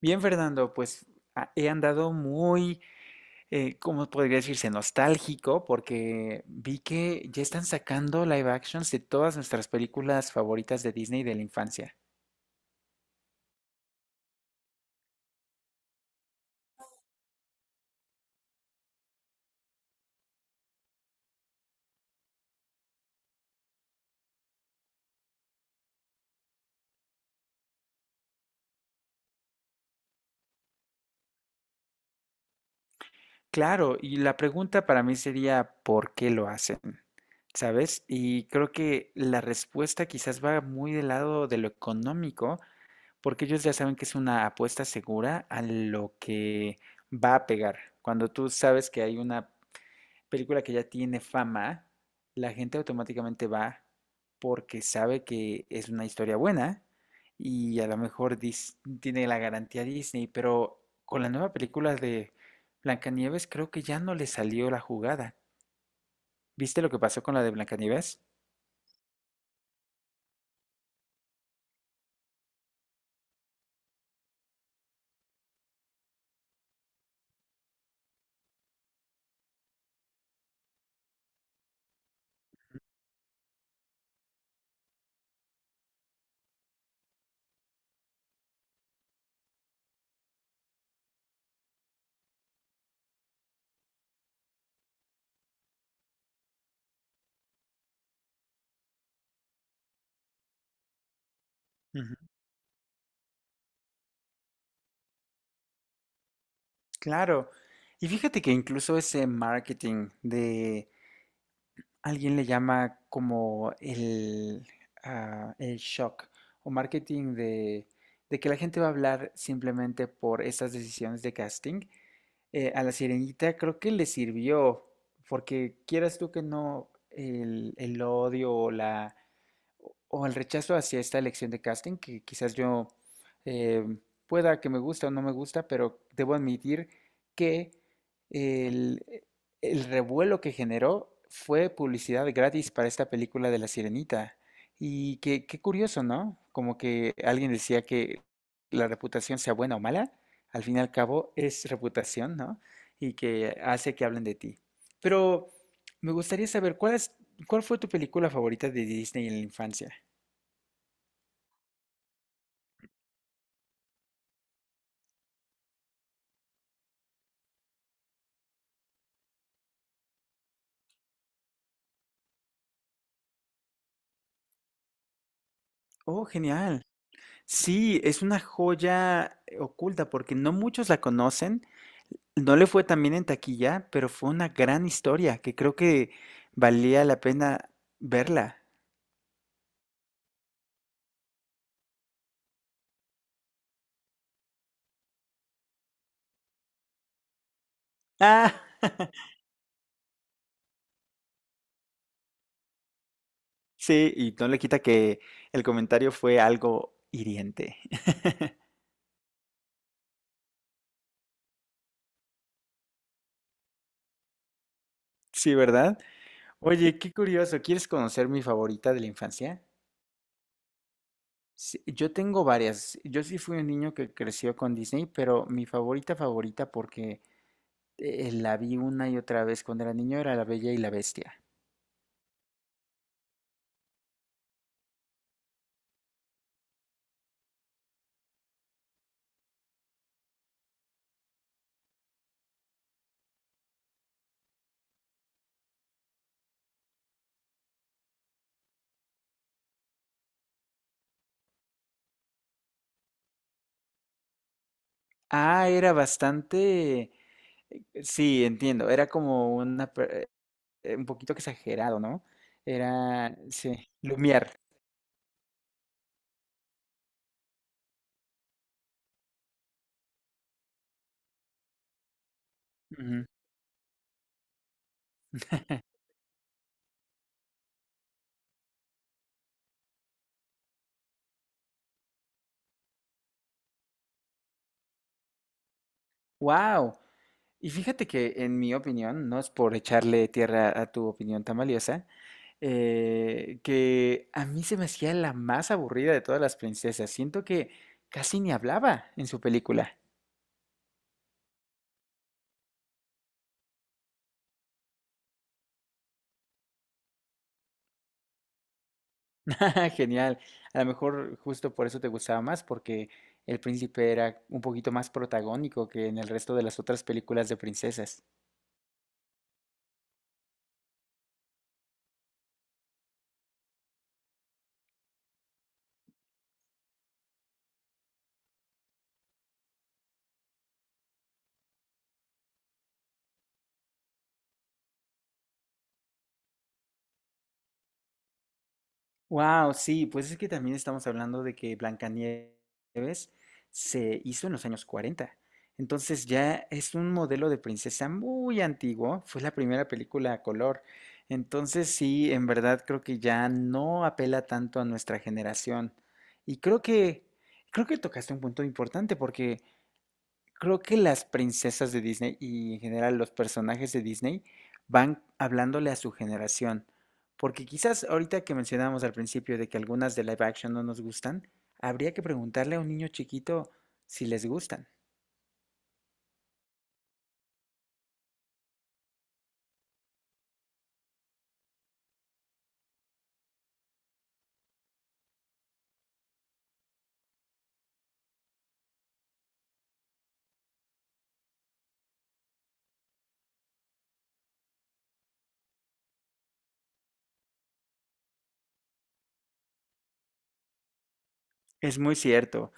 Bien, Fernando, pues he andado muy, ¿cómo podría decirse? Nostálgico, porque vi que ya están sacando live actions de todas nuestras películas favoritas de Disney de la infancia. Claro, y la pregunta para mí sería, ¿por qué lo hacen? ¿Sabes? Y creo que la respuesta quizás va muy del lado de lo económico, porque ellos ya saben que es una apuesta segura a lo que va a pegar. Cuando tú sabes que hay una película que ya tiene fama, la gente automáticamente va porque sabe que es una historia buena y a lo mejor tiene la garantía Disney, pero con la nueva película de Blancanieves creo que ya no le salió la jugada. ¿Viste lo que pasó con la de Blancanieves? Ujú. Claro. Y fíjate que incluso ese marketing de alguien le llama como el shock o marketing de que la gente va a hablar simplemente por estas decisiones de casting. A la Sirenita creo que le sirvió, porque quieras tú que no, el odio o la o el rechazo hacia esta elección de casting, que quizás yo eh, pueda que me gusta o no me gusta, pero debo admitir que el, el revuelo que generó fue publicidad gratis para esta película de La Sirenita. Y qué curioso, ¿no? Como que alguien decía que la reputación sea buena o mala, al fin y al cabo es reputación, ¿no? Y que hace que hablen de ti. Pero me gustaría saber ¿cuál fue tu película favorita de Disney en la infancia? Oh, genial. Sí, es una joya oculta porque no muchos la conocen. No le fue tan bien en taquilla, pero fue una gran historia que creo que valía la pena verla. Ah, sí, y no le quita que el comentario fue algo hiriente. Sí, ¿verdad? Oye, qué curioso. ¿Quieres conocer mi favorita de la infancia? Sí, yo tengo varias. Yo sí fui un niño que creció con Disney, pero mi favorita favorita porque la vi una y otra vez cuando era niño era La Bella y la Bestia. Ah, era bastante. Sí, entiendo. Era como un poquito exagerado, ¿no? Era. Sí, Lumiar. Wow. Y fíjate que en mi opinión, no es por echarle tierra a tu opinión tan valiosa, que a mí se me hacía la más aburrida de todas las princesas. Siento que casi ni hablaba en su película. Jaja, genial. A lo mejor justo por eso te gustaba más, porque el príncipe era un poquito más protagónico que en el resto de las otras películas de princesas. Wow, sí, pues es que también estamos hablando de que Blancanieves se hizo en los años 40. Entonces ya es un modelo de princesa muy antiguo, fue la primera película a color. Entonces sí, en verdad creo que ya no apela tanto a nuestra generación. Y creo que tocaste un punto importante porque creo que las princesas de Disney y en general los personajes de Disney van hablándole a su generación. Porque quizás ahorita que mencionábamos al principio de que algunas de live action no nos gustan, habría que preguntarle a un niño chiquito si les gustan. Es muy cierto.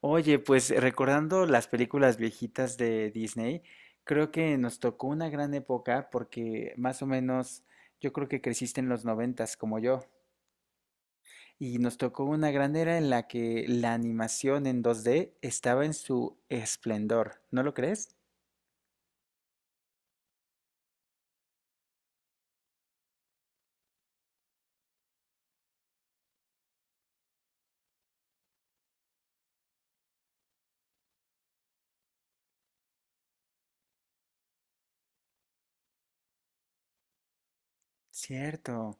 Oye, pues recordando las películas viejitas de Disney, creo que nos tocó una gran época porque más o menos yo creo que creciste en los 90 como yo. Y nos tocó una gran era en la que la animación en 2D estaba en su esplendor, ¿no lo crees? Cierto,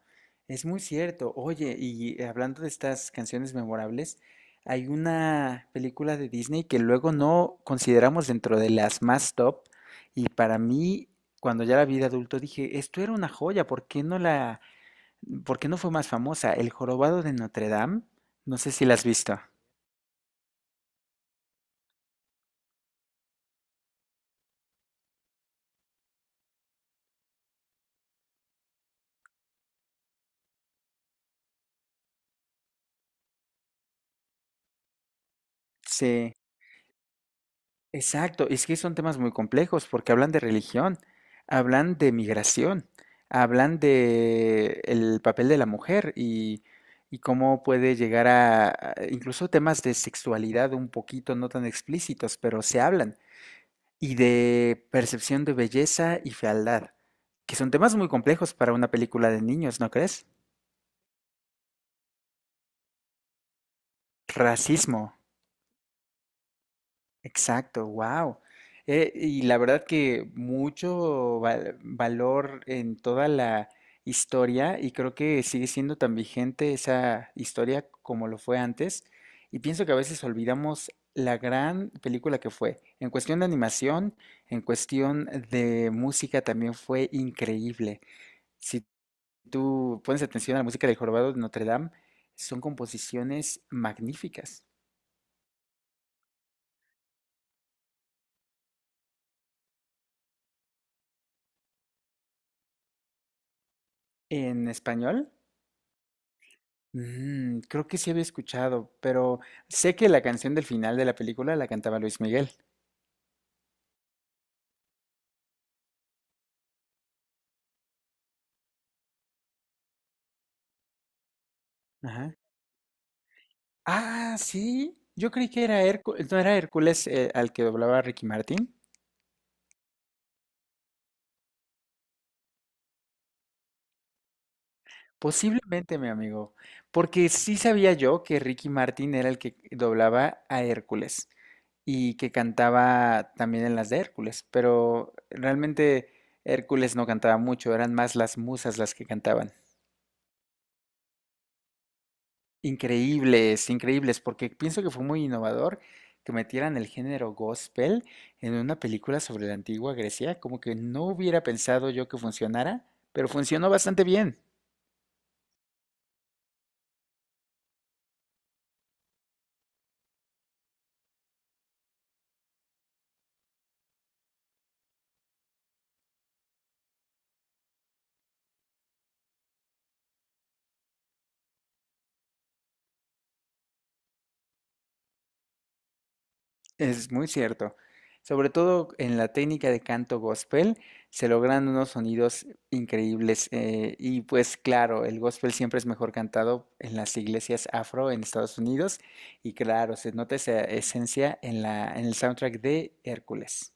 es muy cierto. Oye, y hablando de estas canciones memorables, hay una película de Disney que luego no consideramos dentro de las más top, y para mí, cuando ya la vi de adulto, dije, esto era una joya, ¿por qué no fue más famosa? El Jorobado de Notre Dame, no sé si la has visto. Sí. Exacto, es que son temas muy complejos porque hablan de religión, hablan de migración, hablan de el papel de la mujer y cómo puede llegar a, incluso temas de sexualidad un poquito no tan explícitos, pero se hablan, y de percepción de belleza y fealdad, que son temas muy complejos para una película de niños, ¿no crees? Racismo. Exacto, wow. Y la verdad que mucho valor en toda la historia y creo que sigue siendo tan vigente esa historia como lo fue antes. Y pienso que a veces olvidamos la gran película que fue. En cuestión de animación, en cuestión de música también fue increíble. Si tú pones atención a la música del Jorobado de Notre Dame, son composiciones magníficas. En español. Creo que sí había escuchado, pero sé que la canción del final de la película la cantaba Luis Miguel. Ajá. Ah, sí. Yo creí que era Hércules, no era Hércules al que doblaba Ricky Martin. Posiblemente, mi amigo, porque sí sabía yo que Ricky Martin era el que doblaba a Hércules y que cantaba también en las de Hércules, pero realmente Hércules no cantaba mucho, eran más las musas las que cantaban. Increíbles, increíbles, porque pienso que fue muy innovador que metieran el género gospel en una película sobre la antigua Grecia, como que no hubiera pensado yo que funcionara, pero funcionó bastante bien. Es muy cierto. Sobre todo en la técnica de canto gospel se logran unos sonidos increíbles. Y pues claro, el gospel siempre es mejor cantado en las iglesias afro en Estados Unidos. Y claro, se nota esa esencia en la, en el soundtrack de Hércules.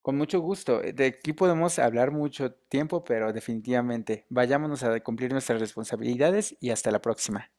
Con mucho gusto. De aquí podemos hablar mucho tiempo, pero definitivamente vayámonos a cumplir nuestras responsabilidades y hasta la próxima.